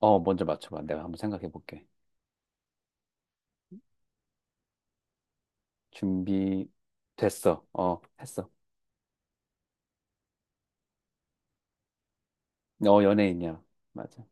어, 먼저 맞춰봐. 내가 한번 생각해 볼게. 준비 됐어. 어, 했어. 어, 연예인이야. 맞아.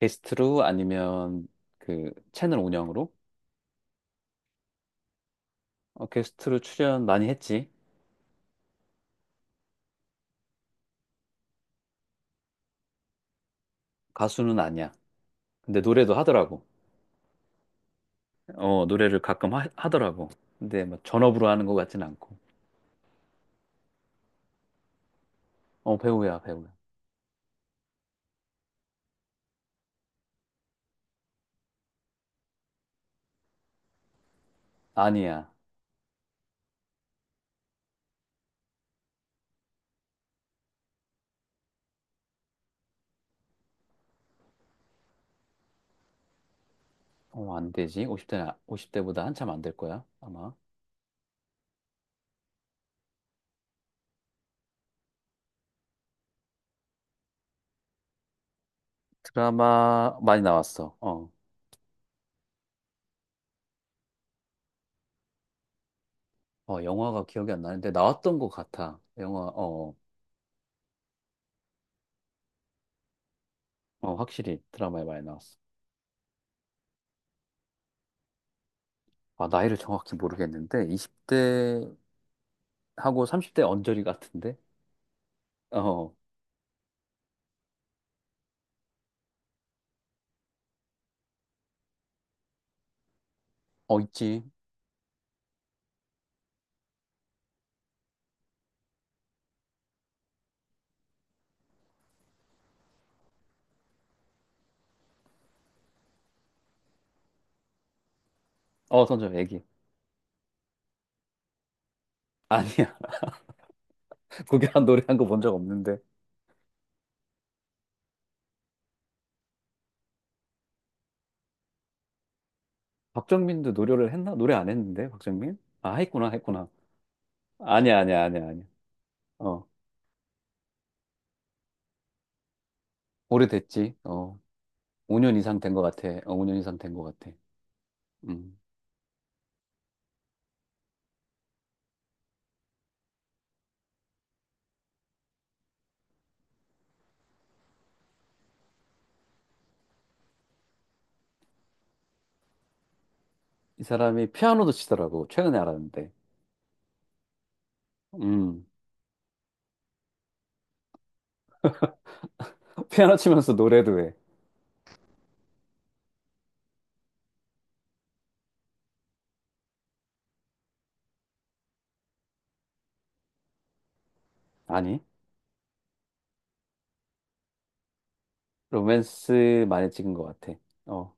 게스트로 아니면 그 채널 운영으로? 어, 게스트로 출연 많이 했지. 가수는 아니야. 근데 노래도 하더라고. 어, 노래를 가끔 하더라고. 근데 뭐 전업으로 하는 것 같진 않고. 어, 배우야, 배우야. 아니야. 어, 안 되지. 50대, 오십 대보다 한참 안될 거야, 아마. 드라마 많이 나왔어. 어. 어, 영화가 기억이 안 나는데 나왔던 것 같아. 영화, 어. 어. 어, 확실히 드라마에 많이 나왔어. 아, 나이를 정확히 모르겠는데, 20대하고 30대 언저리 같은데? 어, 어, 있지. 어, 선정, 애기. 아니야. 구결한 노래 한 거 본 적 없는데. 박정민도 노래를 했나? 노래 안 했는데, 박정민? 아, 했구나, 했구나. 아니야, 아니야, 아니야, 아니야. 어, 오래됐지. 어, 5년 이상 된 것 같아. 어, 5년 이상 된 것 같아. 음. 이 사람이 피아노도 치더라고. 최근에 알았는데. 음. 피아노 치면서 노래도 해. 아니, 로맨스 많이 찍은 것 같아. 어.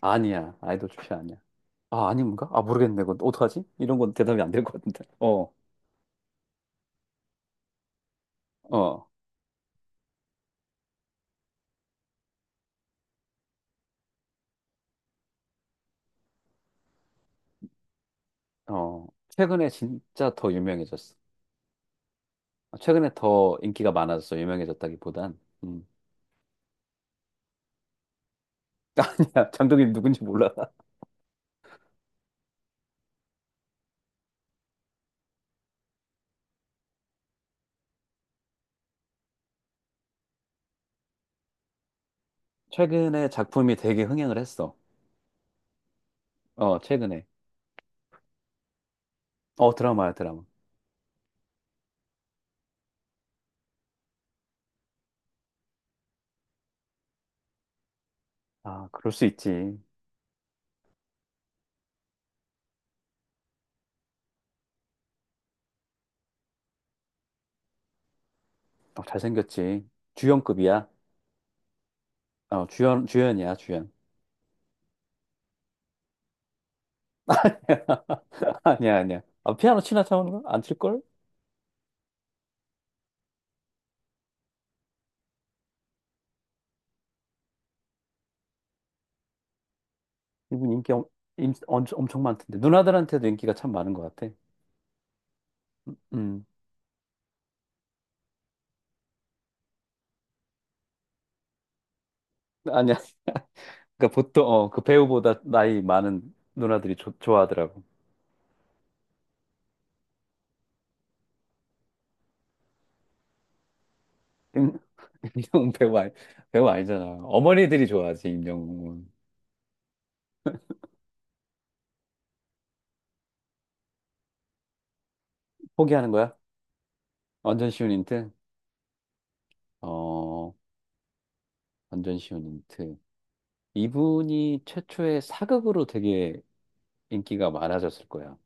아니야. 아이돌 출신 아니야. 아, 아닌가? 아, 모르겠네. 그건 어떡하지? 이런 건 대답이 안 될 것 같은데. 어, 어, 어. 최근에 진짜 더 유명해졌어. 아, 최근에 더 인기가 많아졌어. 유명해졌다기보단. 음. 아니야. 장동민 누군지 몰라. 최근에 작품이 되게 흥행을 했어. 어, 최근에. 어, 드라마야, 드라마. 아, 그럴 수 있지. 어, 잘생겼지. 주연급이야. 어, 주연이야, 주연. 아니야, 아니야. 아, 피아노 치나 차오는 거? 안 칠걸? 이분 인기 엄청 많던데 누나들한테도 인기가 참 많은 것 같아. 음 아니야. 그러니까 보통 어, 그 배우보다 나이 많은 누나들이 좋아하더라고. 임- 임영웅 배우 아니, 배우 아니잖아. 어머니들이 좋아하지 임영웅은. 포기하는 거야? 완전 쉬운 힌트? 어 완전 쉬운 힌트. 이분이 최초의 사극으로 되게 인기가 많아졌을 거야.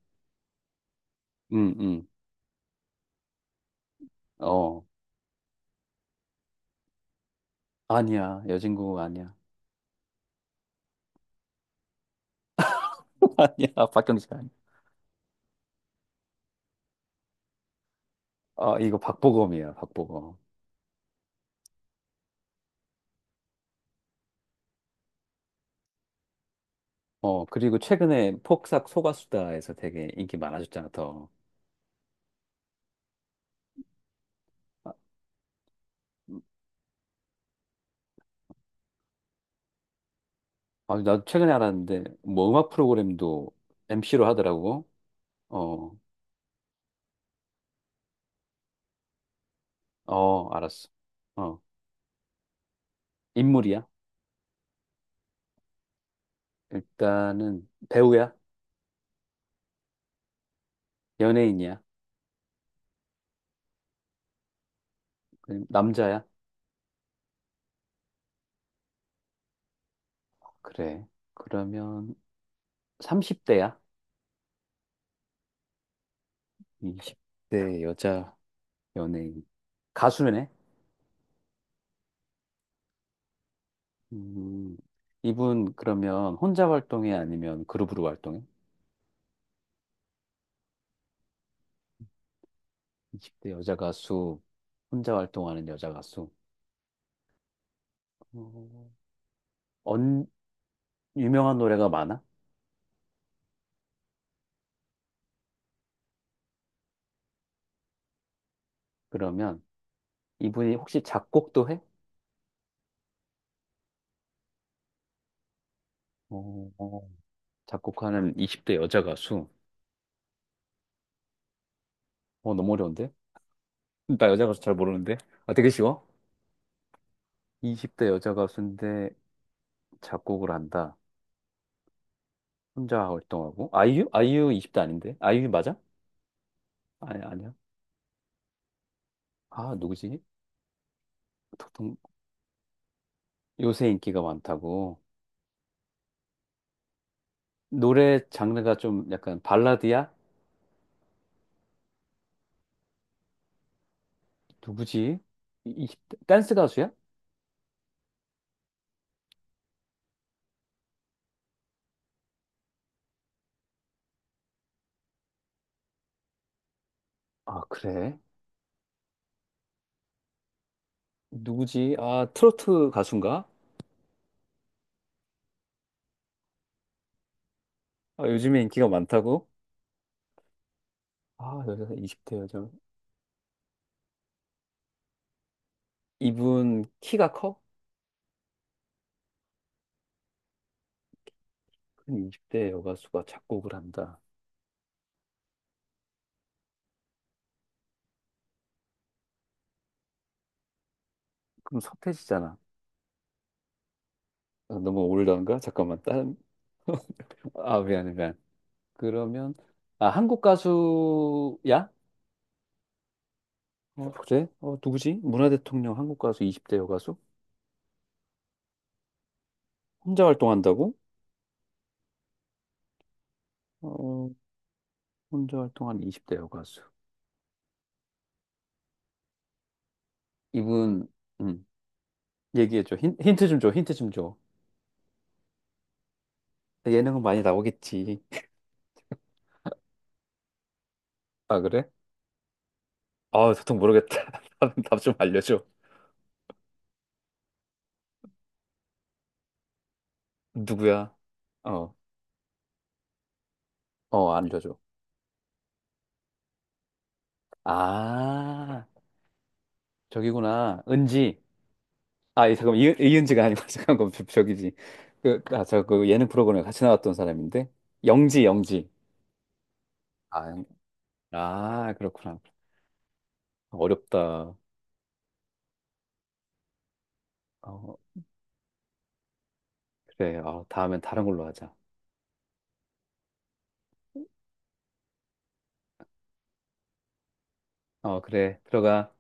응, 응. 어, 아니야. 여진구 아니야. 아니야. 박경식 아니야. 어, 이거 박보검이야, 박보검. 어, 그리고 최근에 폭삭 소가수다에서 되게 인기 많아졌잖아, 더. 아, 음, 아, 나도 최근에 알았는데, 뭐 음악 프로그램도 MC로 하더라고. 어, 어, 알았어. 어, 인물이야? 일단은 배우야? 연예인이야? 그럼 남자야? 그래. 그러면 30대야? 20대 여자 연예인. 가수네? 음, 이분 그러면 혼자 활동해? 아니면 그룹으로 활동해? 20대 여자 가수, 혼자 활동하는 여자 가수. 어, 언, 유명한 노래가 많아? 그러면 이분이 혹시 작곡도 해? 어, 어, 작곡하는 20대 여자 가수. 어, 너무 어려운데? 나 여자 가수 잘 모르는데? 아, 되게 쉬워? 20대 여자 가수인데 작곡을 한다. 혼자 활동하고. 아이유? 아이유 20대 아닌데? 아이유 맞아? 아니, 아니야. 아, 누구지? 보통 요새 인기가 많다고. 노래 장르가 좀 약간 발라드야? 누구지? 이, 이- 댄스 가수야? 아, 그래. 누구지? 아, 트로트 가수인가? 아, 요즘에 인기가 많다고? 아, 여자 20대 여자. 이분 키가 커? 큰 20대 여가수가 작곡을 한다. 그럼 서태지잖아. 아, 너무 올드한가? 잠깐만. 다른 아, 미안해, 미안. 그러면, 아, 한국 가수야? 어, 그래? 어, 누구지? 문화대통령 한국 가수 20대 여가수? 혼자 활동한다고? 어, 혼자 활동한 20대 여가수. 이분, 음. 얘기해줘. 힌트 좀 줘, 힌트 좀 줘. 예능은 많이 나오겠지. 아, 그래? 아, 도통 모르겠다. 답 좀 알려줘. 누구야? 어, 어, 알려줘. 아, 저기구나. 은지. 아, 잠깐만, 이은지가 아니고, 잠깐만, 저기지. 그, 아, 저, 그 예능 프로그램에 같이 나왔던 사람인데? 영지, 영지. 아, 아, 그렇구나. 어렵다. 어, 그래. 어, 다음엔 다른 걸로 하자. 어, 그래. 들어가.